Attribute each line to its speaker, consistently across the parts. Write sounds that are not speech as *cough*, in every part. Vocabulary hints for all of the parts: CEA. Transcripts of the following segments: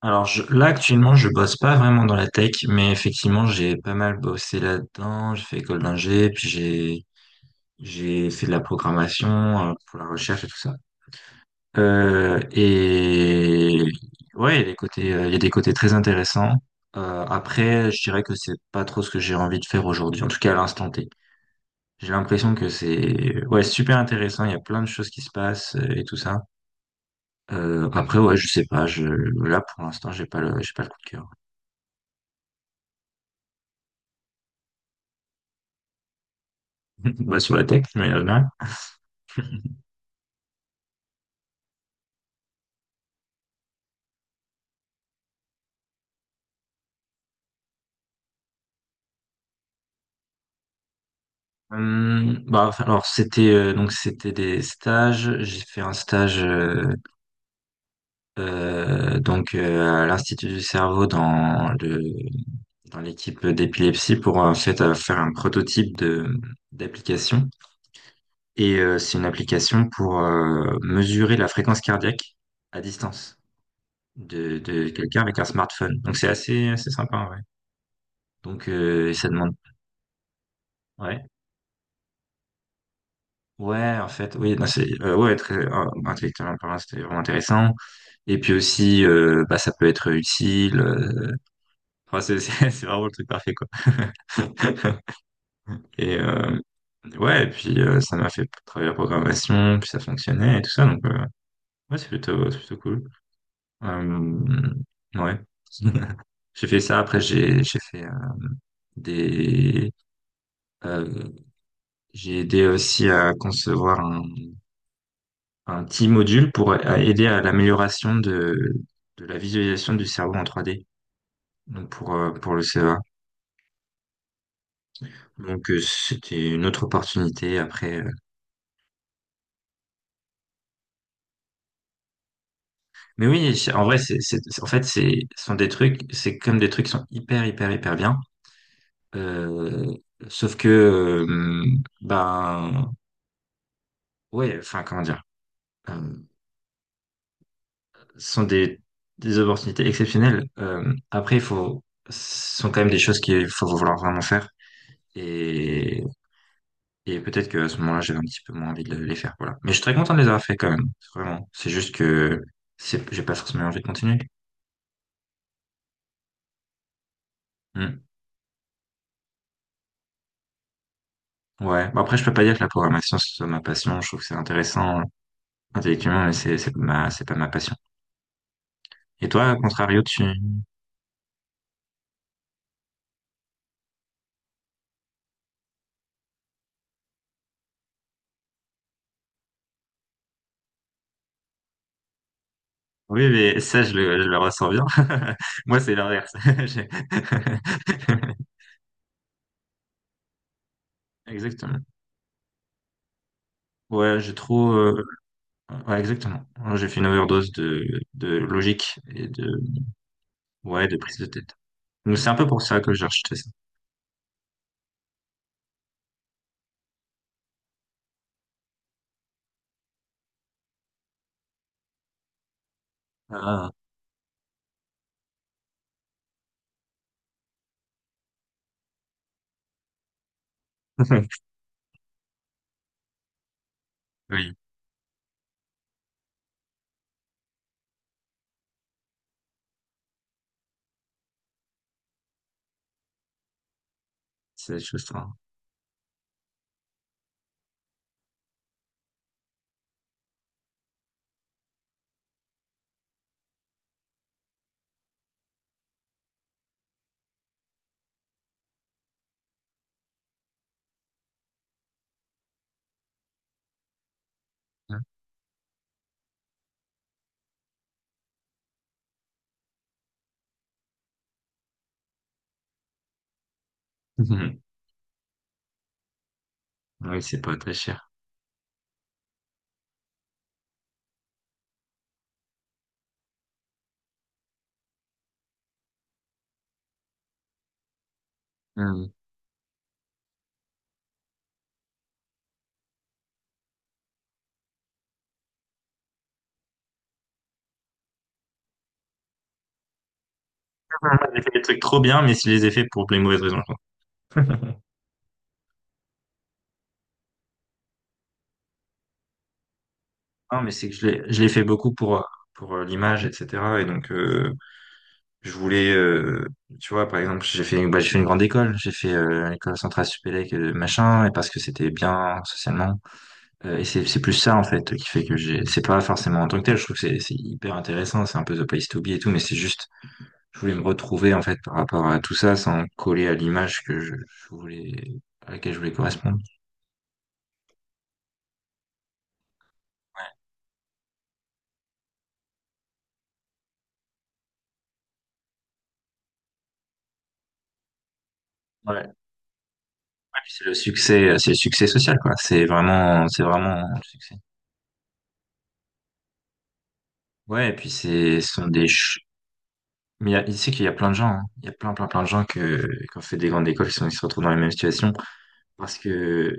Speaker 1: Là actuellement je bosse pas vraiment dans la tech, mais effectivement j'ai pas mal bossé là-dedans. J'ai fait école d'ingé, puis j'ai fait de la programmation pour la recherche et tout ça. Et ouais, il y a des côtés, il y a des côtés très intéressants. Après, je dirais que c'est pas trop ce que j'ai envie de faire aujourd'hui, en tout cas à l'instant T. J'ai l'impression que c'est ouais super intéressant. Il y a plein de choses qui se passent et tout ça. Après ouais, je sais pas. Je Là pour l'instant j'ai pas le coup de cœur. *laughs* Bah, sur la tech, mais non. Enfin, c'était des stages. J'ai fait un stage à l'Institut du cerveau dans l'équipe d'épilepsie pour en fait faire un prototype de d'application. Et c'est une application pour mesurer la fréquence cardiaque à distance de quelqu'un avec un smartphone. Donc c'est assez sympa ouais. Donc et ça demande ouais. Ouais, en fait, oui, non, c'est ouais, très intellectuellement parlant, c'était vraiment intéressant. Et puis aussi, bah, ça peut être utile. Enfin, *laughs* c'est vraiment le truc parfait, quoi. *laughs* Et ouais, et puis ça m'a fait travailler la programmation, puis ça fonctionnait et tout ça. Donc ouais, c'est plutôt cool. Euh, ouais. *laughs* J'ai fait ça. Après, j'ai fait des, euh, j'ai aidé aussi à concevoir un petit module pour aider à l'amélioration de la visualisation du cerveau en trois d. Donc pour le CEA. Donc c'était une autre opportunité après. Mais oui, c'est- en vrai, c'est- en fait, c'est, ce sont des trucs, c'est comme des trucs qui sont hyper, hyper, hyper bien. Euh, sauf que, euh, ben, ouais, enfin, comment dire, euh, ce sont des opportunités exceptionnelles. Après, ce sont quand même des choses qu'il faut vouloir vraiment faire. Et Et peut-être que à ce moment-là, j'avais un petit peu moins envie de les faire, voilà. Mais je suis très content de les avoir fait quand même, vraiment. C'est juste que j'ai pas forcément envie de continuer. Hmm. Ouais. Bon, après, je peux pas dire que la programmation ce soit ma passion. Je trouve que c'est intéressant intellectuellement, mais c'est pas ma passion. Et toi, à contrario, tu oui, mais ça, je le ressens bien. *laughs* Moi, c'est l'inverse. *laughs* J'ai- *laughs* Exactement. Ouais, j'ai trop. Ouais, exactement. Moi, j'ai fait une overdose de logique et de ouais de prise de tête. Donc c'est un peu pour ça que j'ai rejeté ça. Ah, *laughs* oui, c'est juste ça. Mhm. *laughs* Oui, c'est pas très cher. Hmm. J'ai fait des trucs trop bien, mais je les ai faits pour les mauvaises raisons. Quoi. *laughs* Non, mais c'est que je l'ai fait beaucoup pour l'image, etc. Et je voulais, euh, tu vois, par exemple, j'ai fait une grande école. J'ai fait l'école centrale Supélec, machin, et parce que c'était bien socialement. C'est plus ça, en fait, qui fait que j'ai, c'est pas forcément en tant que tel. Je trouve que c'est hyper intéressant. C'est un peu the place to be et tout, mais c'est juste, je voulais me retrouver en fait par rapport à tout ça sans coller à l'image que je voulais à laquelle je voulais correspondre. Ouais. Ouais. Ouais, puis C'est le succès, c'est le succès social quoi. C'est vraiment le succès. Ouais, et puis c'est, ce sont des, ch- Mais tu sais qu'il y a plein de gens, hein. Il y a plein, plein, plein de gens qui ont fait des grandes écoles qui sont, qui se retrouvent dans les mêmes situations parce que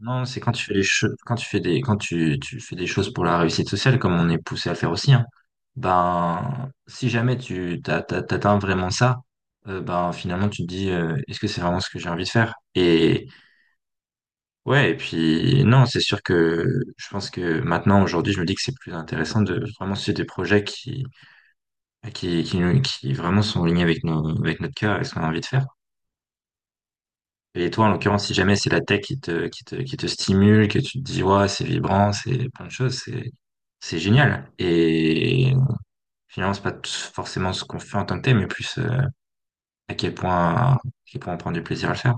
Speaker 1: non, c'est quand tu fais les che- quand tu fais des quand tu fais des choses pour la réussite sociale, comme on est poussé à le faire aussi, hein, ben si jamais t'atteins vraiment ça, ben finalement tu te dis est-ce que c'est vraiment ce que j'ai envie de faire? Et ouais, et puis non, c'est sûr que je pense que maintenant, aujourd'hui, je me dis que c'est plus intéressant de vraiment suivre des projets qui qui vraiment sont alignés avec nos avec notre cœur et ce qu'on a envie de faire. Et toi, en l'occurrence, si jamais c'est la tech qui te stimule, que tu te dis, ouais, c'est vibrant, c'est plein de choses, c'est génial. Et finalement, c'est pas forcément ce qu'on fait en tant que tel, mais plus à quel point, à quel point on prend du plaisir à le faire.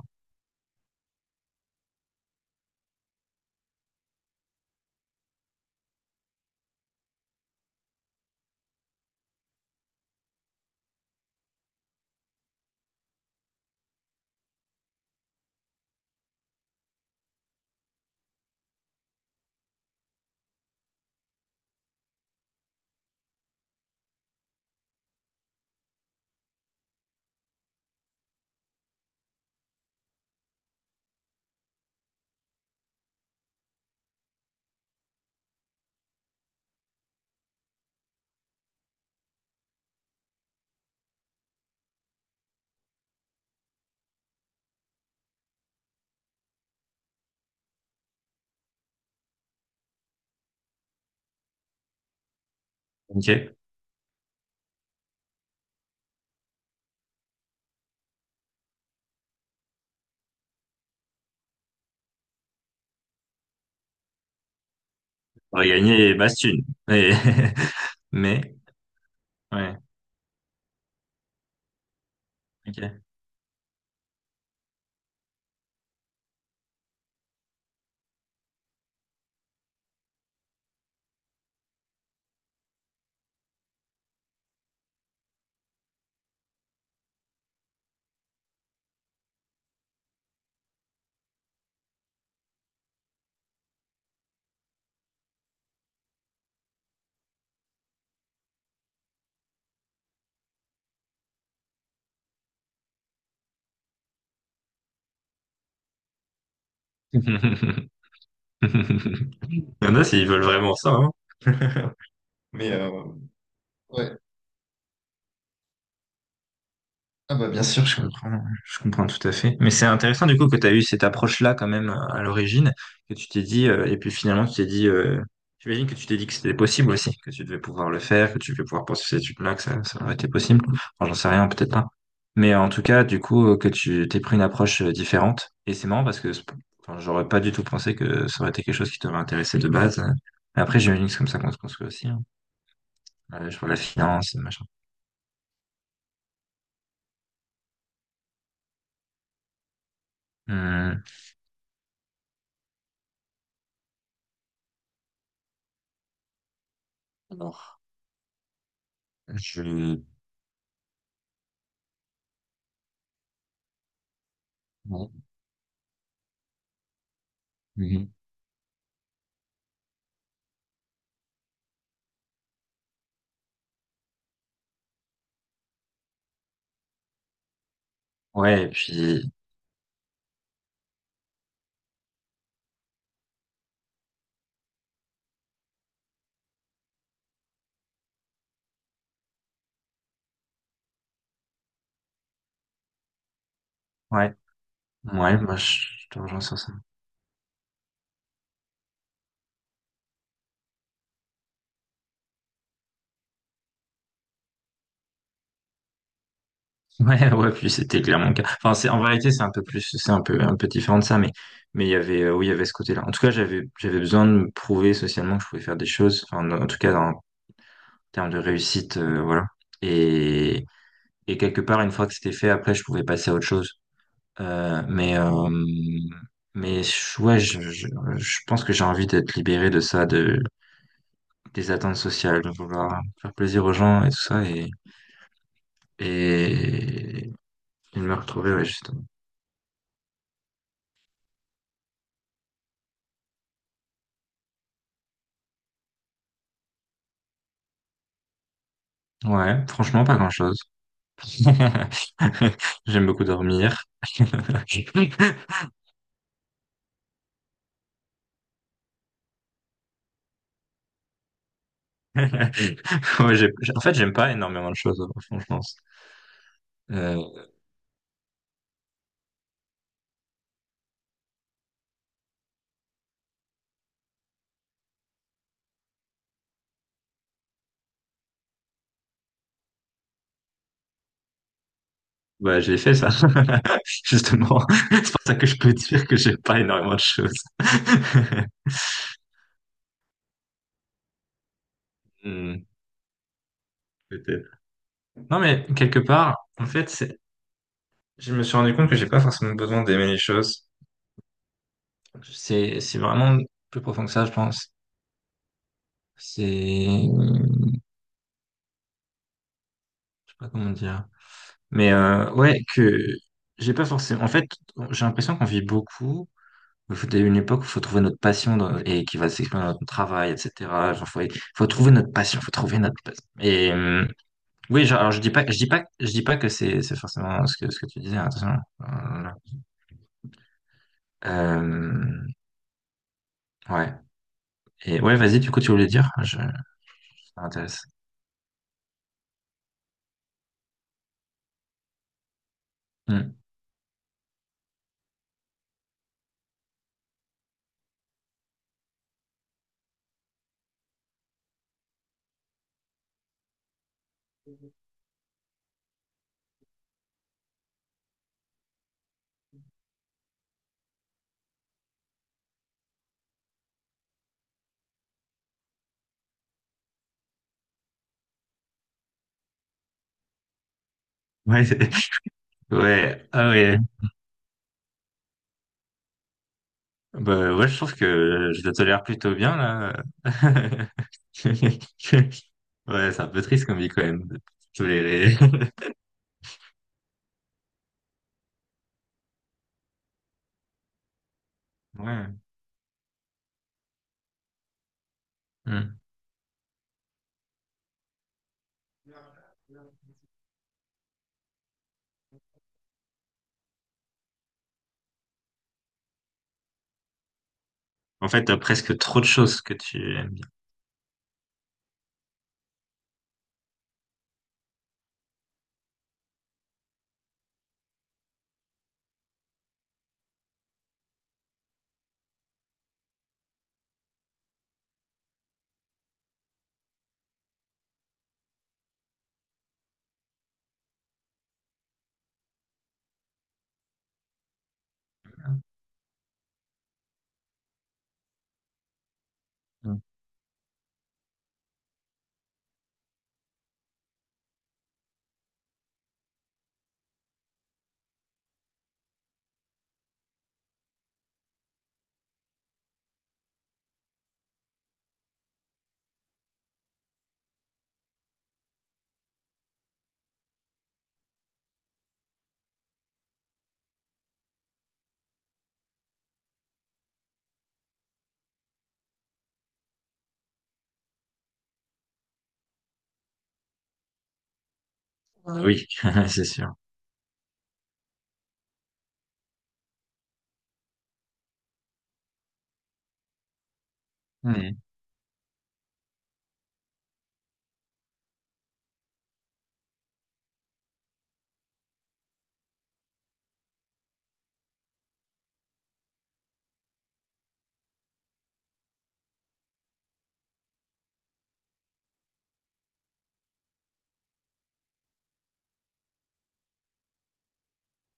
Speaker 1: Ok. On va gagner Bastune. *laughs* Mais, ouais, ok. *laughs* Il y en a, s'ils veulent vraiment ça, hein. *laughs* Mais, euh, ouais. Ah bah bien sûr, je comprends tout à fait. Mais c'est intéressant du coup que tu as eu cette approche-là quand même à l'origine, que tu t'es dit, et puis finalement tu t'es dit, j'imagine que tu t'es dit que c'était possible aussi, que tu devais pouvoir le faire, que tu devais pouvoir poursuivre cette étude-là, que ça aurait été possible. Enfin, j'en sais rien, peut-être pas. Mais en tout cas, du coup, que tu t'es pris une approche différente. Et c'est marrant parce que enfin, j'aurais pas du tout pensé que ça aurait été quelque chose qui t'aurait intéressé de base. Mais après, j'imagine que c'est comme ça qu'on se construit aussi. Hein. Je vois la finance, machin. Hum, je... bon. Mhm. Ouais, et puis, ouais, ouais, moi, je te rejoins sur ça. *laughs* Ouais, ouais, puis c'était clairement le cas. Enfin, c'est, en vérité, c'est un peu plus, c'est un peu différent de ça, mais il y avait oui, il y avait ce côté-là. En tout cas, j'avais besoin de me prouver socialement que je pouvais faire des choses, enfin, en tout cas, en termes de réussite, voilà. Et, et quelque part, une fois que c'était fait, après, je pouvais passer à autre chose. Euh, mais, euh, mais, je- ouais, je, je, je pense que j'ai envie d'être libéré de ça, des attentes sociales, de vouloir faire plaisir aux gens et tout ça. Et il me retrouvait, ouais, justement. Ouais, franchement, pas grand-chose. *laughs* J'aime beaucoup dormir. *laughs* En fait, j'aime pas énormément de choses, au fond, je pense. Euh, ouais, j'ai fait ça, *laughs* justement. *laughs* C'est pour ça que je peux dire que j'aime pas énormément de choses. *laughs* Hmm, peut-être. Non, mais quelque part, en fait, je me suis rendu compte que j'ai pas forcément besoin d'aimer les choses. C'est vraiment plus profond que ça, je pense. C'est je sais pas comment dire. Mais ouais, que j'ai pas forcément. En fait, j'ai l'impression qu'on vit beaucoup. Il y a une époque où il faut trouver notre passion qui va s'exprimer dans notre travail, etc. Genre, faut trouver notre passion, faut trouver notre passion. Oui, genre, alors je dis pas que c'est forcément ce que tu disais. Hein, Attention. Euh, euh, ouais. Et ouais, vas-y. Du coup, tu voulais dire? Ça m'intéresse. Hmm. Ouais. *laughs* Ouais. Ah ouais. Bah ouais, je trouve que je le tolère plutôt bien là. *laughs* Ouais, c'est un peu triste comme vie quand même. De tolérer. *laughs* Ouais. Hmm. En fait, t'as presque trop de choses que tu aimes bien. Hmm. Ah oui, *laughs* c'est sûr. Hmm.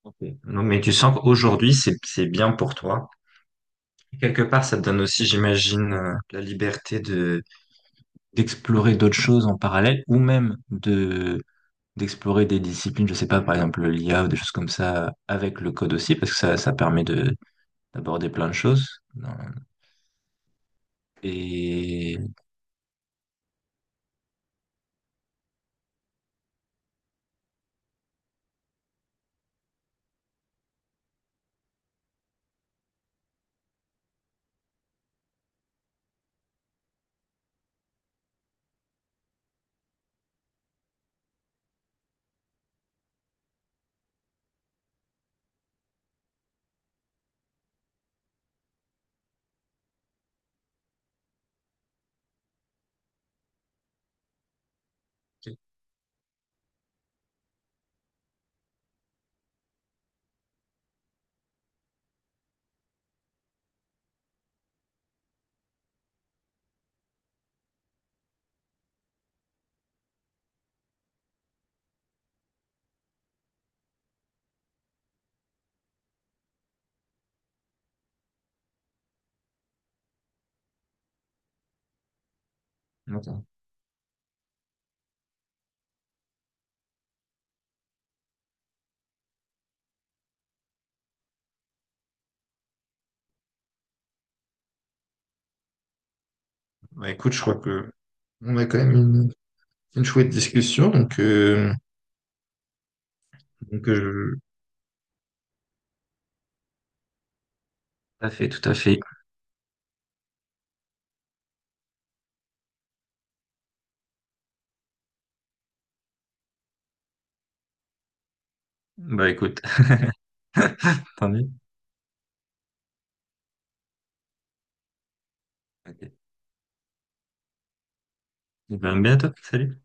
Speaker 1: Ok. Non, mais tu sens qu'aujourd'hui, c'est bien pour toi. Quelque part, ça te donne aussi, j'imagine, la liberté de d'explorer d'autres choses en parallèle ou même de d'explorer des disciplines, je sais pas, par exemple l'IA ou des choses comme ça, avec le code aussi, parce que ça permet de d'aborder plein de choses. Non. Et ok. D'accord. Bah, écoute, je crois que on a quand même une chouette discussion, donc, donc euh, tout à fait, tout à fait. Bah écoute, *laughs* tant mieux. Ok. Eh ben, à bientôt, salut.